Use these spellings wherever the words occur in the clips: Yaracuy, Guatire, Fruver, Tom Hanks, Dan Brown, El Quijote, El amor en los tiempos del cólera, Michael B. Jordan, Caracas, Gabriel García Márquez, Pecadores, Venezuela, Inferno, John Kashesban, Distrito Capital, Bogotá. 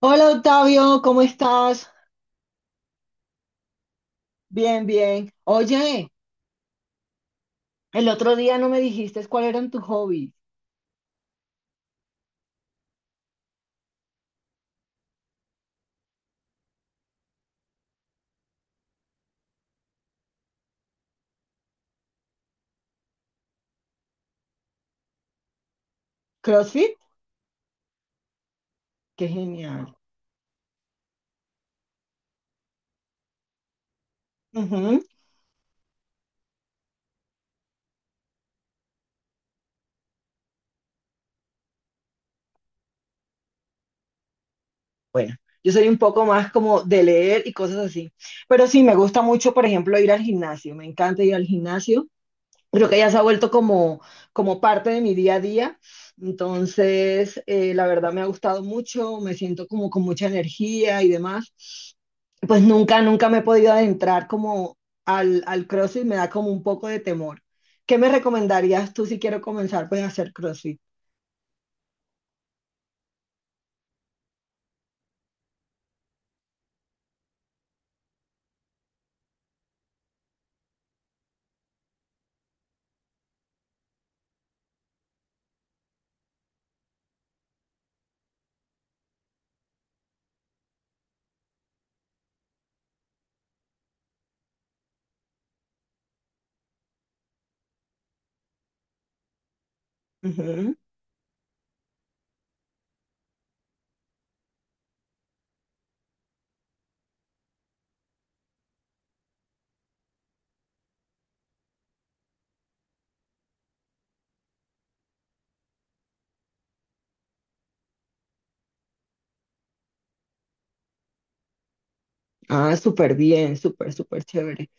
Hola Octavio, ¿cómo estás? Bien, bien. Oye, el otro día no me dijiste cuál eran tus hobbies. ¿CrossFit? Qué genial. Ujú. Bueno, yo soy un poco más como de leer y cosas así. Pero sí, me gusta mucho, por ejemplo, ir al gimnasio. Me encanta ir al gimnasio. Creo que ya se ha vuelto como parte de mi día a día. Entonces, la verdad me ha gustado mucho, me siento como con mucha energía y demás. Pues nunca me he podido adentrar como al CrossFit, me da como un poco de temor. ¿Qué me recomendarías tú si quiero comenzar pues a hacer CrossFit? Ujú. Ah, súper bien, súper, súper chévere.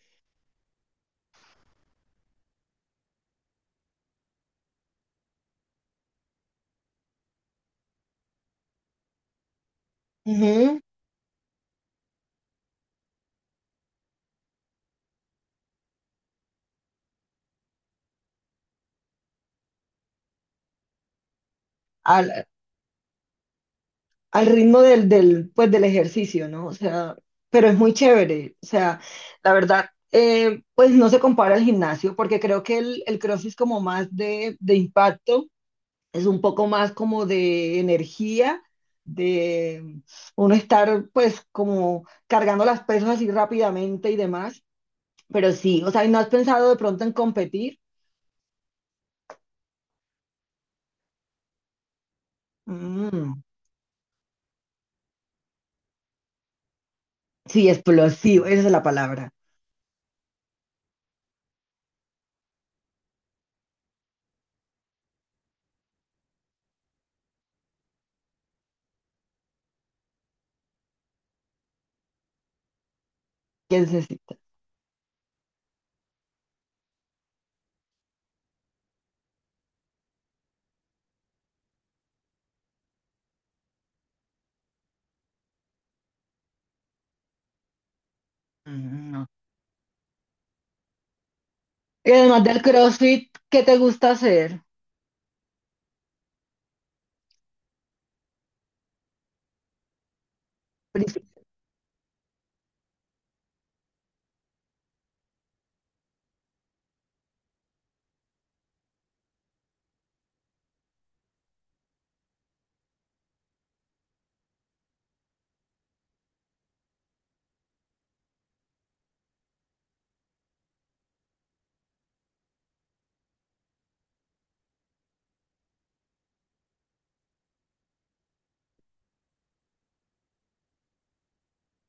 Ujú. Al, al ritmo del, pues, del ejercicio, ¿no? O sea, pero es muy chévere. O sea, la verdad, pues no se compara al gimnasio porque creo que el CrossFit es como más de impacto. Es un poco más como de energía, de uno estar pues como cargando las pesas así rápidamente y demás. Pero sí, o sea, ¿y no has pensado de pronto en competir? Mm, sí, explosivo, esa es la palabra que necesitas. Mm, no. Y además del CrossFit, ¿qué te gusta hacer? Princip-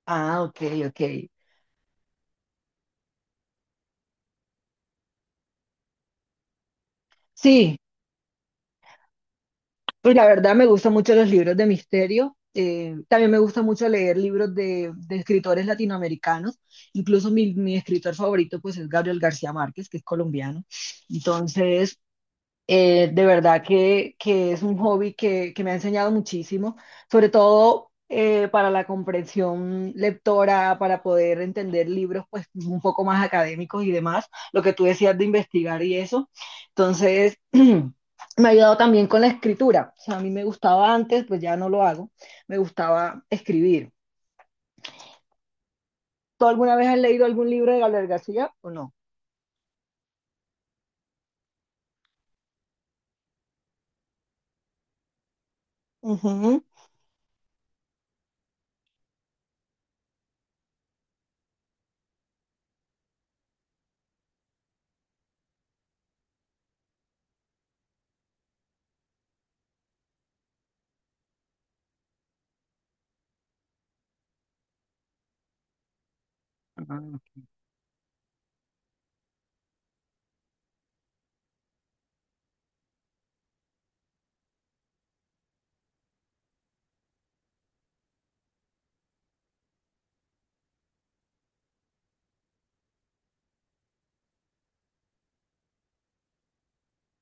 Ah, ok, ok. Sí, pues la verdad me gustan mucho los libros de misterio. También me gusta mucho leer libros de escritores latinoamericanos. Incluso mi escritor favorito pues es Gabriel García Márquez, que es colombiano. Entonces, de verdad que es un hobby que me ha enseñado muchísimo, sobre todo para la comprensión lectora, para poder entender libros pues un poco más académicos y demás, lo que tú decías de investigar y eso. Entonces, me ha ayudado también con la escritura. O sea, a mí me gustaba antes, pues ya no lo hago, me gustaba escribir. ¿Tú alguna vez has leído algún libro de Gabriel García o no? Ujú. Ah.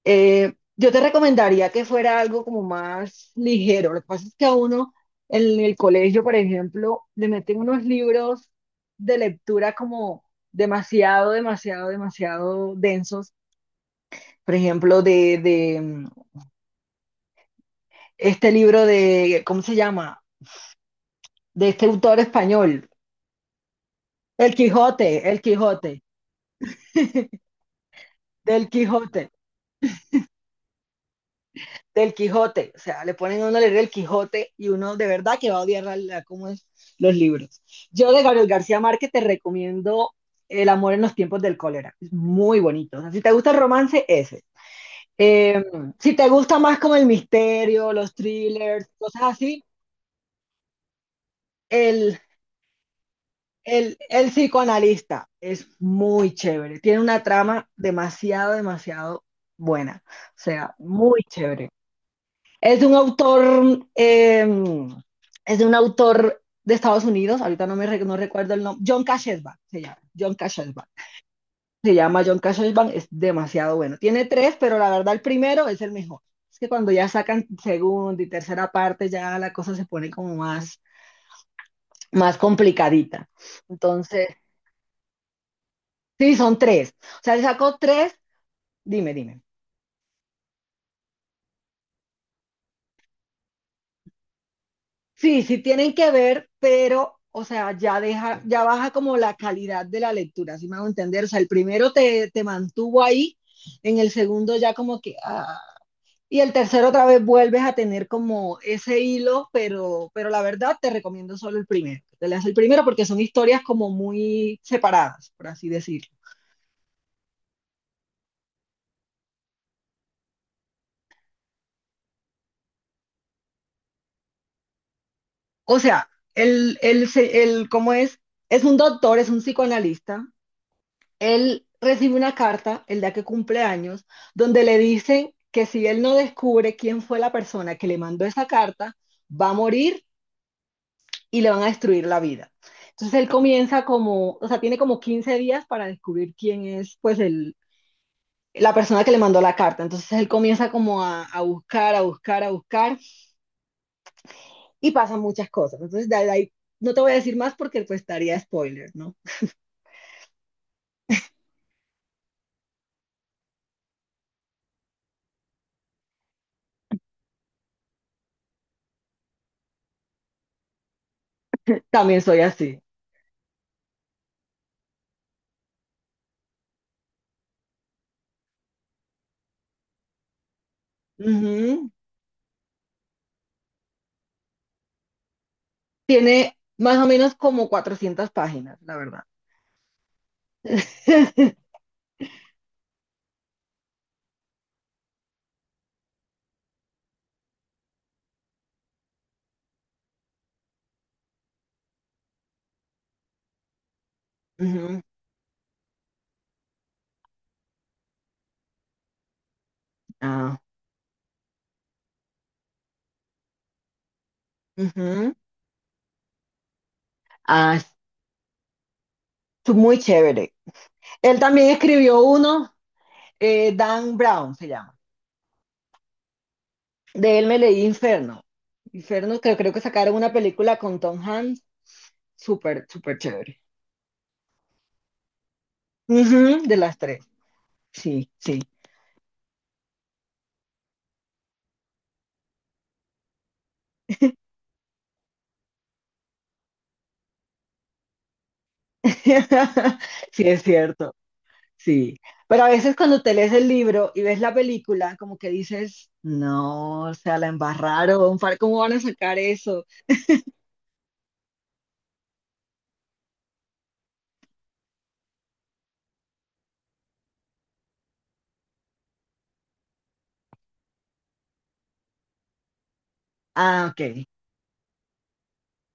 Yo te recomendaría que fuera algo como más ligero. Lo que pasa es que a uno en el colegio, por ejemplo, le meten unos libros de lectura como demasiado, demasiado, demasiado densos. Por ejemplo, de, este libro de, ¿cómo se llama? De este autor español, El Quijote, El Quijote, del Quijote. Del Quijote. O sea, le ponen a uno a leer el Quijote y uno de verdad que va a odiar la, cómo es los libros. Yo de Gabriel García Márquez te recomiendo El amor en los tiempos del cólera. Es muy bonito. O sea, si te gusta el romance, ese. Eh, si te gusta más como el misterio, los thrillers, cosas así, el, el psicoanalista es muy chévere. Tiene una trama demasiado, demasiado buena. O sea, muy chévere. Es de un autor, eh, es de un autor de Estados Unidos, ahorita no recuerdo el nombre, John Kashesban se llama, John Kashesban. Se llama John Kashesban, es demasiado bueno. Tiene tres, pero la verdad el primero es el mejor. Es que cuando ya sacan segunda y tercera parte, ya la cosa se pone como más, más complicadita. Entonces, sí, son tres. O sea, le sacó tres, dime, dime. Sí, sí tienen que ver, pero, o sea, ya deja, ya baja como la calidad de la lectura, ¿sí me hago entender? O sea, el primero te mantuvo ahí, en el segundo ya como que, ah, y el tercero otra vez vuelves a tener como ese hilo, pero la verdad te recomiendo solo el primero. Te leas el primero porque son historias como muy separadas, por así decirlo. O sea, el, ¿cómo es? Es un doctor, es un psicoanalista. Él recibe una carta el día que cumple años, donde le dicen que si él no descubre quién fue la persona que le mandó esa carta, va a morir y le van a destruir la vida. Entonces él comienza como, o sea, tiene como 15 días para descubrir quién es, pues, la persona que le mandó la carta. Entonces él comienza como a buscar, a buscar, a buscar y pasan muchas cosas. Entonces de ahí no te voy a decir más porque pues estaría spoiler, ¿no? También soy así. Ujú. Tiene más o menos como 400 páginas, la verdad. Ujú. Ah, ujú. Ah, es muy chévere. Él también escribió uno, Dan Brown se llama. De él me leí Inferno. Inferno, creo que sacaron una película con Tom Hanks, súper, súper chévere. Ujú, de las tres. Sí, sí. Sí, es cierto. Sí, pero a veces cuando te lees el libro y ves la película, como que dices, no, o sea, la embarraron, ¿cómo van a sacar eso? Ah, ok,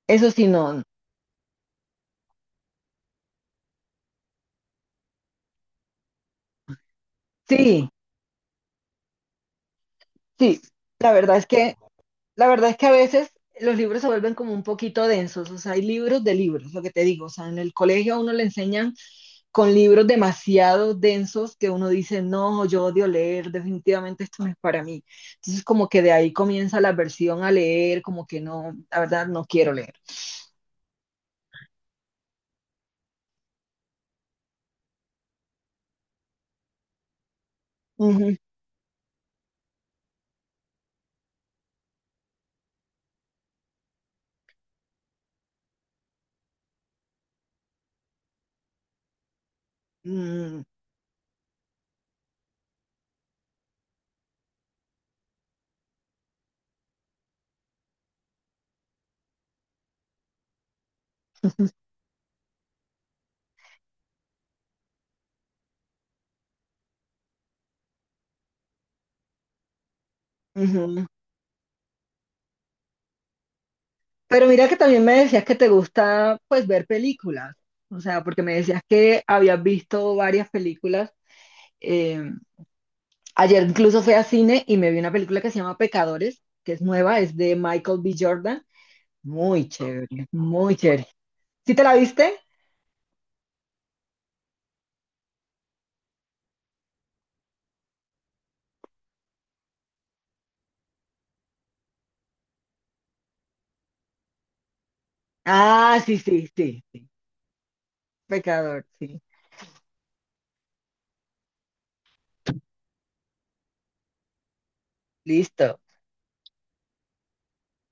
eso sí, no. Sí, sí, la verdad es que, la verdad es que, a veces los libros se vuelven como un poquito densos, o sea, hay libros de libros, lo que te digo, o sea, en el colegio a uno le enseñan con libros demasiado densos que uno dice, no, yo odio leer, definitivamente esto no es para mí. Entonces, como que de ahí comienza la aversión a leer, como que no, la verdad, no quiero leer. Ujú, mm, ujú. Pero mira que también me decías que te gusta, pues, ver películas. O sea, porque me decías que habías visto varias películas. Eh, ayer incluso fui a cine y me vi una película que se llama Pecadores, que es nueva, es de Michael B. Jordan. Muy chévere, muy chévere. ¿Sí te la viste? Ah, sí, sí, sí, sí. Pecador, sí. Listo.